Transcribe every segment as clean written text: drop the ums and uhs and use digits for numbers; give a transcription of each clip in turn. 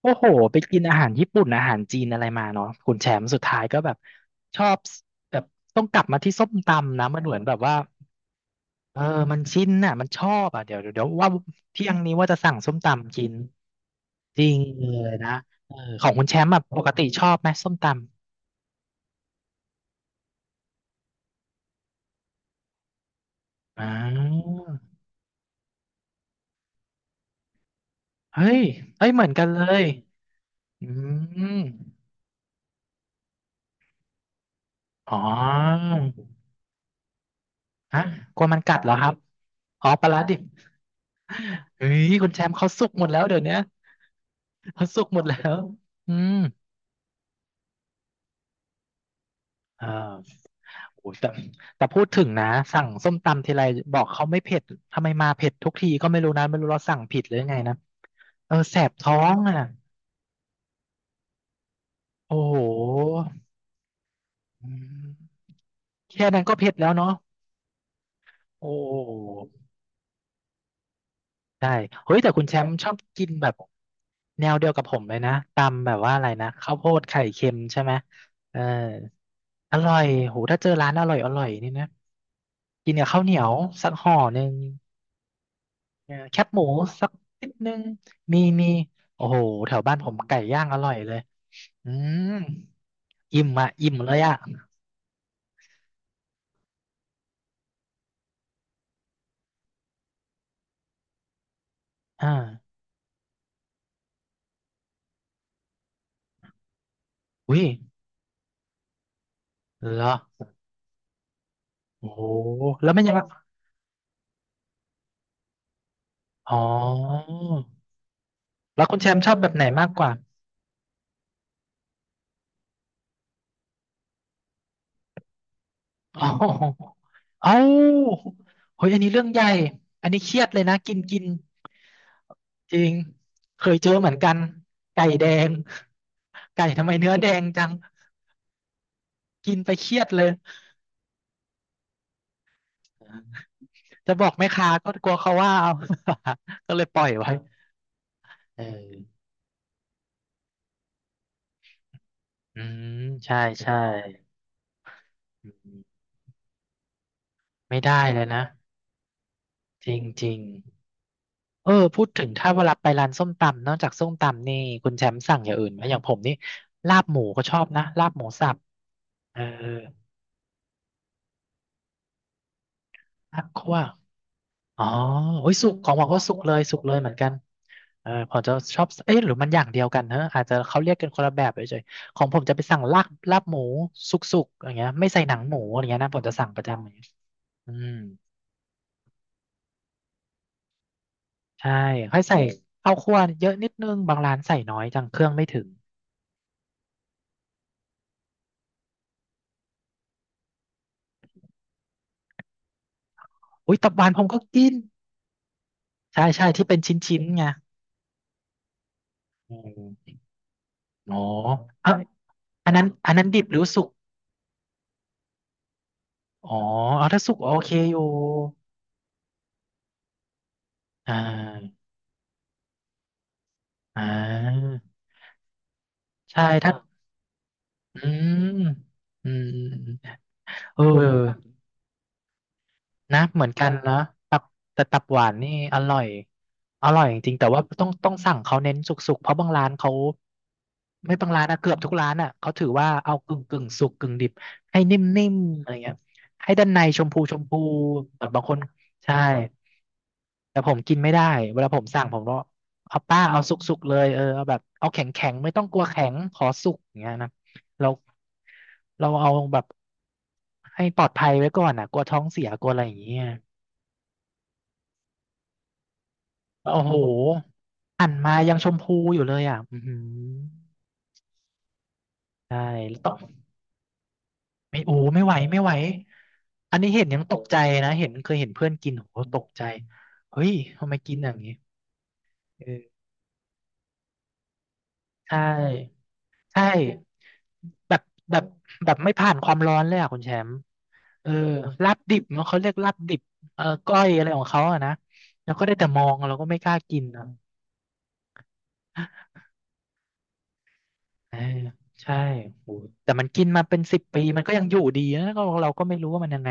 โอ้โหไปกินอาหารญี่ปุ่นอาหารจีนอะไรมาเนาะคุณแชมป์สุดท้ายก็แบบชอบแบบต้องกลับมาที่ส้มตำนะมันเหมือนแบบว่าเออมันชินน่ะมันชอบอ่ะเดี๋ยวว่าเที่ยงนี้ว่าจะสั่งส้มตำกินจริงเลยนะเออของคุณแชมป์อะปกติชอบไหมส้มตำอ๋อเฮ้ยเหมือนกันเลยอืมอ๋อฮะกลัวมันกัดเหรอครับอ๋อปลาร้าดิบเฮ้ยคุณแชมป์เขาสุกหมดแล้วเดี๋ยวเนี้ย เขาสุกหมดแล้ว อืมอ่าโอ้ยแต่พูดถึงนะสั่งส้มตำทีไรบอกเขาไม่เผ็ดทำไมมาเผ็ดทุกทีก็ไม่รู้นะไม่รู้เราสั่งผิดหรือยังไงนะเออแสบท้องอ่ะโอ้โหอืมแค่นั้นก็เผ็ดแล้วเนาะโอ้โหใช่เฮ้ยแต่คุณแชมป์ชอบกินแบบแนวเดียวกับผมเลยนะตำแบบว่าอะไรนะข้าวโพดไข่เค็มใช่ไหมเอออร่อยถ้าเจอร้านอร่อยนี่นะกินกับข้าวเหนียวสักห่อหนึ่ง เออแคบหมูสักนิดนึงมีโอ้โหแถวบ้านผมไก่ย่างอร่อยเลยอืมอิ่มอ่ะอิ่มเลยอ่ะอ่าอุ้ยเหรอโอ้โหแล้วไม่ยังอ๋อแล้วคุณแชมป์ชอบแบบไหนมากกว่าอ๋อเอ้าเฮ้ยอันนี้เรื่องใหญ่อันนี้เครียดเลยนะกินกินจริงเคยเจอเหมือนกันไก่แดงไก่ทำไมเนื้อแดงจังกินไปเครียดเลย จะบอกแม่ค้าก็กลัวเขาว่าเอา ก็เลยปล่อยไว้เอออืมใช่ ใช่อืมไม่ได้เลยนะ จริงจริง เออ พูดถึงถ้าเวลาไปร้านส้มตำนอกจากส้มตำนี่คุณแชมป์สั่งอย่างอื่นไหมอย่างผมนี่ลาบหมูก็ชอบนะลาบหมูสับเออลาบคั่ว อ๋อโอ้ยสุกของผมก็สุกเลยสุกเลยเหมือนกันเออผมจะชอบเอ๊ะหรือมันอย่างเดียวกันเนอะอาจจะเขาเรียกกันคนละแบบเฉยๆของผมจะไปสั่งลาบหมูสุกๆอย่างเงี้ยไม่ใส่หนังหมูอย่างเงี้ยนะผมจะสั่งประจำอย่างเงี้ยอืมใช่ค่อยใส่ข้าวคั่วเยอะนิดนึงบางร้านใส่น้อยจังเครื่องไม่ถึงอุ้ยตับหวานผมก็กินใช่ใช่ที่เป็นชิ้นๆไงอืมอ๋ออ่ะอันนั้นดิบหรือสุกอ๋อเอาถ้าสุกโอเคอยู่อ่าอ่าใช่ถ้า อืม อืมเออนะ เหมือนกันนะตับแต่ตับหวานนี่อร่อย อร่อยจริงๆแต่ว่าต้องสั่งเขาเน้นสุกๆ เพราะบางร้านเขา ไม่บางร้านอะเกือบทุกร้านอะเขาถือว่าเอากึ่งสุกกึ่งดิบให้นิ่มๆอะไรเงี้ยให้ด้านในชมพูแบบบางคนใช่แต่ผมกินไม่ได้เวลาผมสั่งผมก็เอาป้าเอาสุกๆเลยเออเอาแบบเอาแข็งแข็งไม่ต้องกลัวแข็งขอสุกอย่างเงี้ยนะเราเอาแบบให้ปลอดภัยไว้ก่อนอ่ะกลัวท้องเสียกลัวอะไรอย่างเงี้ยโอ้โหหั่นมายังชมพูอยู่เลยอ่ะอือหือใช่แล้วต้อง ไม่โอ้ไม่ไหวอันนี้เห็นยังตกใจนะเห็นเคยเห็นเพื่อนกินโหตกใจเฮ้ยทำไมกินอย่างนี้เออใช่ใช่แบบแบบแบบไม่ผ่านความร้อนเลยอ่ะคุณแชมป์เออลาบดิบเนาะเขาเรียกลาบดิบเออก้อยอะไรของเขาอะนะแล้วก็ได้แต่มองเราก็ไม่กล้ากินนะเออใช่โอ้แต่มันกินมาเป็นสิบปีมันก็ยังอยู่ดีนะก็เราก็ไม่รู้ว่ามันยังไง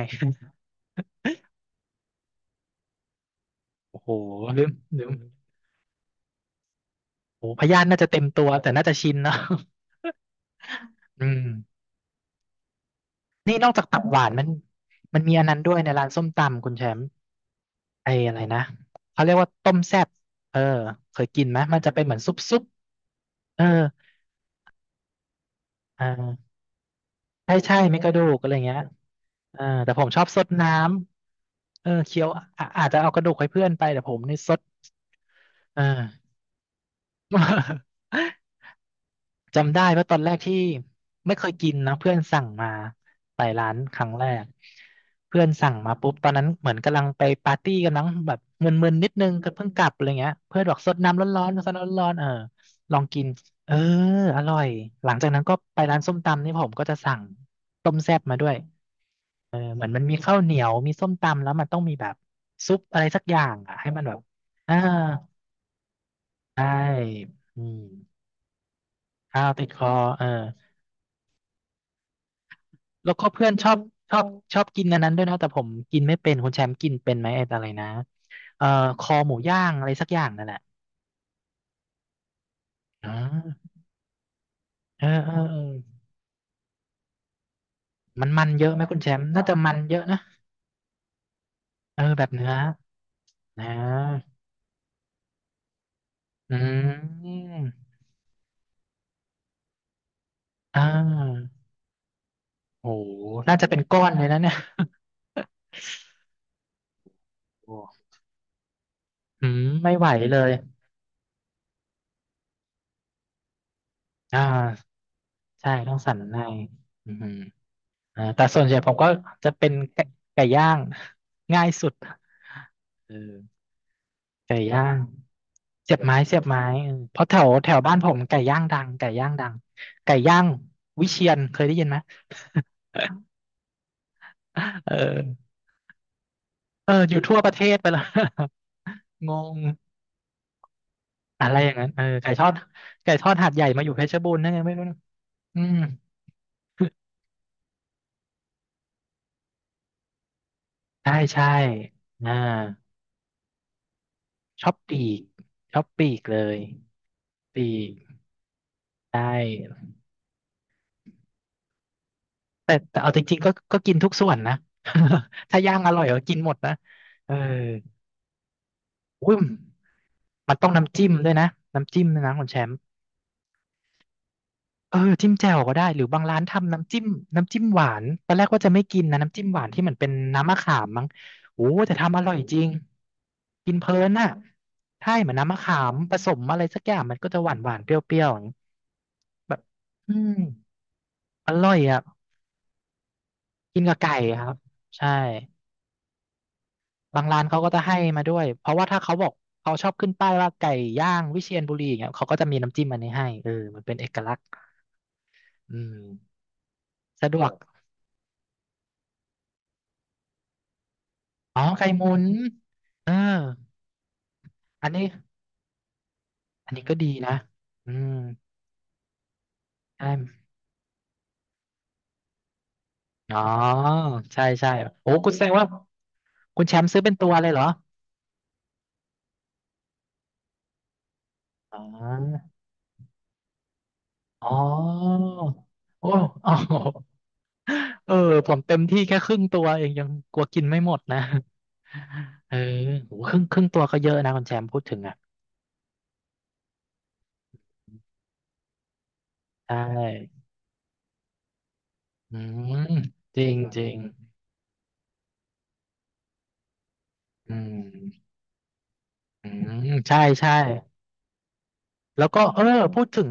โอ้โหลืมลืมโอ้โหพยาธิน่าจะเต็มตัวแต่น่าจะชินเนอะ อืม นี่นอกจากตับหวานมันมีอันนั้นด้วยในร้านส้มตำคุณแชมป์ไอ้อะไรนะเขาเรียกว่าต้มแซ่บเออเคยกินไหมมันจะเป็นเหมือนซุปเอออ่าใช่ใช่ไม่กระดูกอะไรเงี้ยเออแต่ผมชอบซดน้ำเออเคี้ยวอะอาจจะเอากระดูกให้เพื่อนไปแต่ผมนี่ซดเออ จำได้ว่าตอนแรกที่ไม่เคยกินนะเพื่อนสั่งมาไปร้านครั้งแรกเพื่อนสั่งมาปุ๊บตอนนั้นเหมือนกำลังไปปาร์ตี้กันมั้งแบบมึนๆนิดนึงก็เพิ่งกลับอะไรเงี้ยเพื่อนบอกสดน้ำร้อนๆสดน้ำร้อนๆเออลองกินเอออร่อย.หลังจากนั้นก็ไปร้านส้มตำนี่ผมก็จะสั่งต้มแซ่บมาด้วยเออเหมือนมันมีข้าวเหนียวมีส้มตำแล้วมันต้องมีแบบซุปอะไรสักอย่างอ่ะให้มันแบบอ่าใช่อืมข้าวติดคอเออ แล้วก็เพื่อนชอบชอบชอบกินอันนั้นด้วยนะแต่ผมกินไม่เป็นคุณแชมป์กินเป็นไหมไอ้อะไรนะเอ่อคอหมูย่างอะไรสักอย่างนั่นแหละอ่าเออเออเออมันเยอะไหมคุณแชมป์น่าจะมันเยอะนะเออแบบเนื้อนะอืมอ่าโหน่าจะเป็นก้อนเลยนะเนี่ยโอ้อืมไม่ไหวเลยอ่าใช่ต้องสันในอืมอ่าแต่ส่วนใหญ่ผมก็จะเป็นไก่ไก่ย่างง่ายสุดเออ ไก่ย่างเสียบไม้เสียบไม้เออเพราะแถวแถวบ้านผมไก่ย่างดังไก่ย่างดังไก่ย่างวิเชียรเคยได้ยินไหมเออเอออยู่ทั่วประเทศไปแล้ว งงอะไรอย่างนั้นเออไก่ทอดไก่ทอดหาดใหญ่มาอยู่เพชรบูรณ์นั่นไงไม่รู้นะอืม ใช่ใช่อ่าชอบปีกชอบปีกเลยปีกได้แต่แต่เอาจริงๆก็ก็กินทุกส่วนนะ ถ้าย่างอร่อยก็กินหมดนะเออ อุ้ยมันต้องน้ำจิ้มด้วยนะน้ำจิ้มด้วยนะคุณแชมป์เออจิ้มแจ่วก็ได้หรือบางร้านทำน้ำจิ้มน้ำจิ้มหวานตอนแรกว่าจะไม่กินนะน้ำจิ้มหวานที่เหมือนเป็นน้ำมะขามมั้งโอ้แต่ทำอร่อยจริงกินเพลินน่ะใช่เหมือนน้ำมะขามผสมอะไรสักอย่างมันก็จะหวานหวานเปรี้ยวๆอย่างนี้แบบอืมอร่อยอ่ะกินกับไก่ครับใช่บางร้านเขาก็จะให้มาด้วยเพราะว่าถ้าเขาบอกเขาชอบขึ้นป้ายว่าไก่ย่างวิเชียรบุรีอย่างเงี้ยเขาก็จะมีน้ำจิ้มอันนี้ให้เออมันเป็นเอกลักษณ์ อืมสะดวกอ๋อไข่หมุนเอออันนี้อันนี้ก็ดีนะอืมใช่อ๋อใช่ ใช่โอ้คุณแสดงว่าคุณแชมป์ซื้อเป็นตัวเลยเหรออ๋ออ๋อโอ้โอ้เออ ผมเต็มที่แค่ครึ่งตัวเองยังกลัวกินไม่หมดนะเออโหครึ่งครึ่งตัวก็เยอะนะคุณแชมป์พูดถึงอ่ะใช่อืมจริงจริงอืมอืมใช่ใช่ แล้วก็เออพูดถึง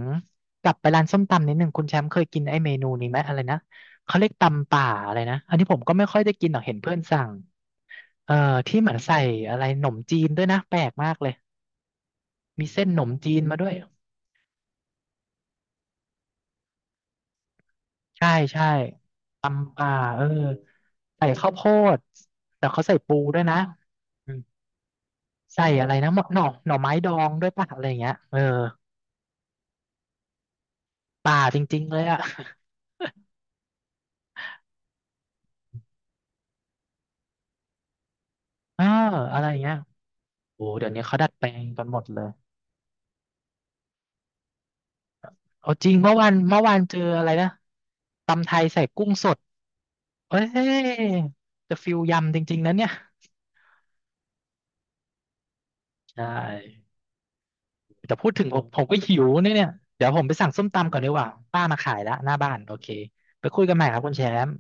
กลับไปร้านส้มตำนิดหนึ่งคุณแชมป์เคยกินไอ้เมนูนี้ไหมอะไรนะเขาเรียกตำป่าอะไรนะอันนี้ผมก็ไม่ค่อยได้กินหรอกเห็นเพื่อนสั่งเอ่อที่เหมือนใส่อะไรหนมจีนด้วยนะแปลกมากเลยมีเส้นหนมจีนมาด้วยใช่ใช่ตำป่าเออใส่ข้าวโพดแต่เขาใส่ปูด้วยนะอืมใส่อะไรนะหน่อหน่อไม้ดองด้วยป่ะอะไรอย่างเงี้ยเออป่าจริงๆเลยอ่ะ เอออะไรอย่างเงี้ยโอ้เดี๋ยวนี้เขาดัดแปลงกันหมดเลย เอาจริงเมื่อวานเจออะไรนะตำไทยใส่กุ้งสดเอ้ยจะฟิลยำจริงๆนะเนี่ยใช่แต่พูดถึงผมก็หิวเนี่ยเดี๋ยวผมไปสั่งส้มตำก่อนดีกว่าป้ามาขายแล้วหน้าบ้านโอเคไปคุยกันใหม่ครับคุณแชมป์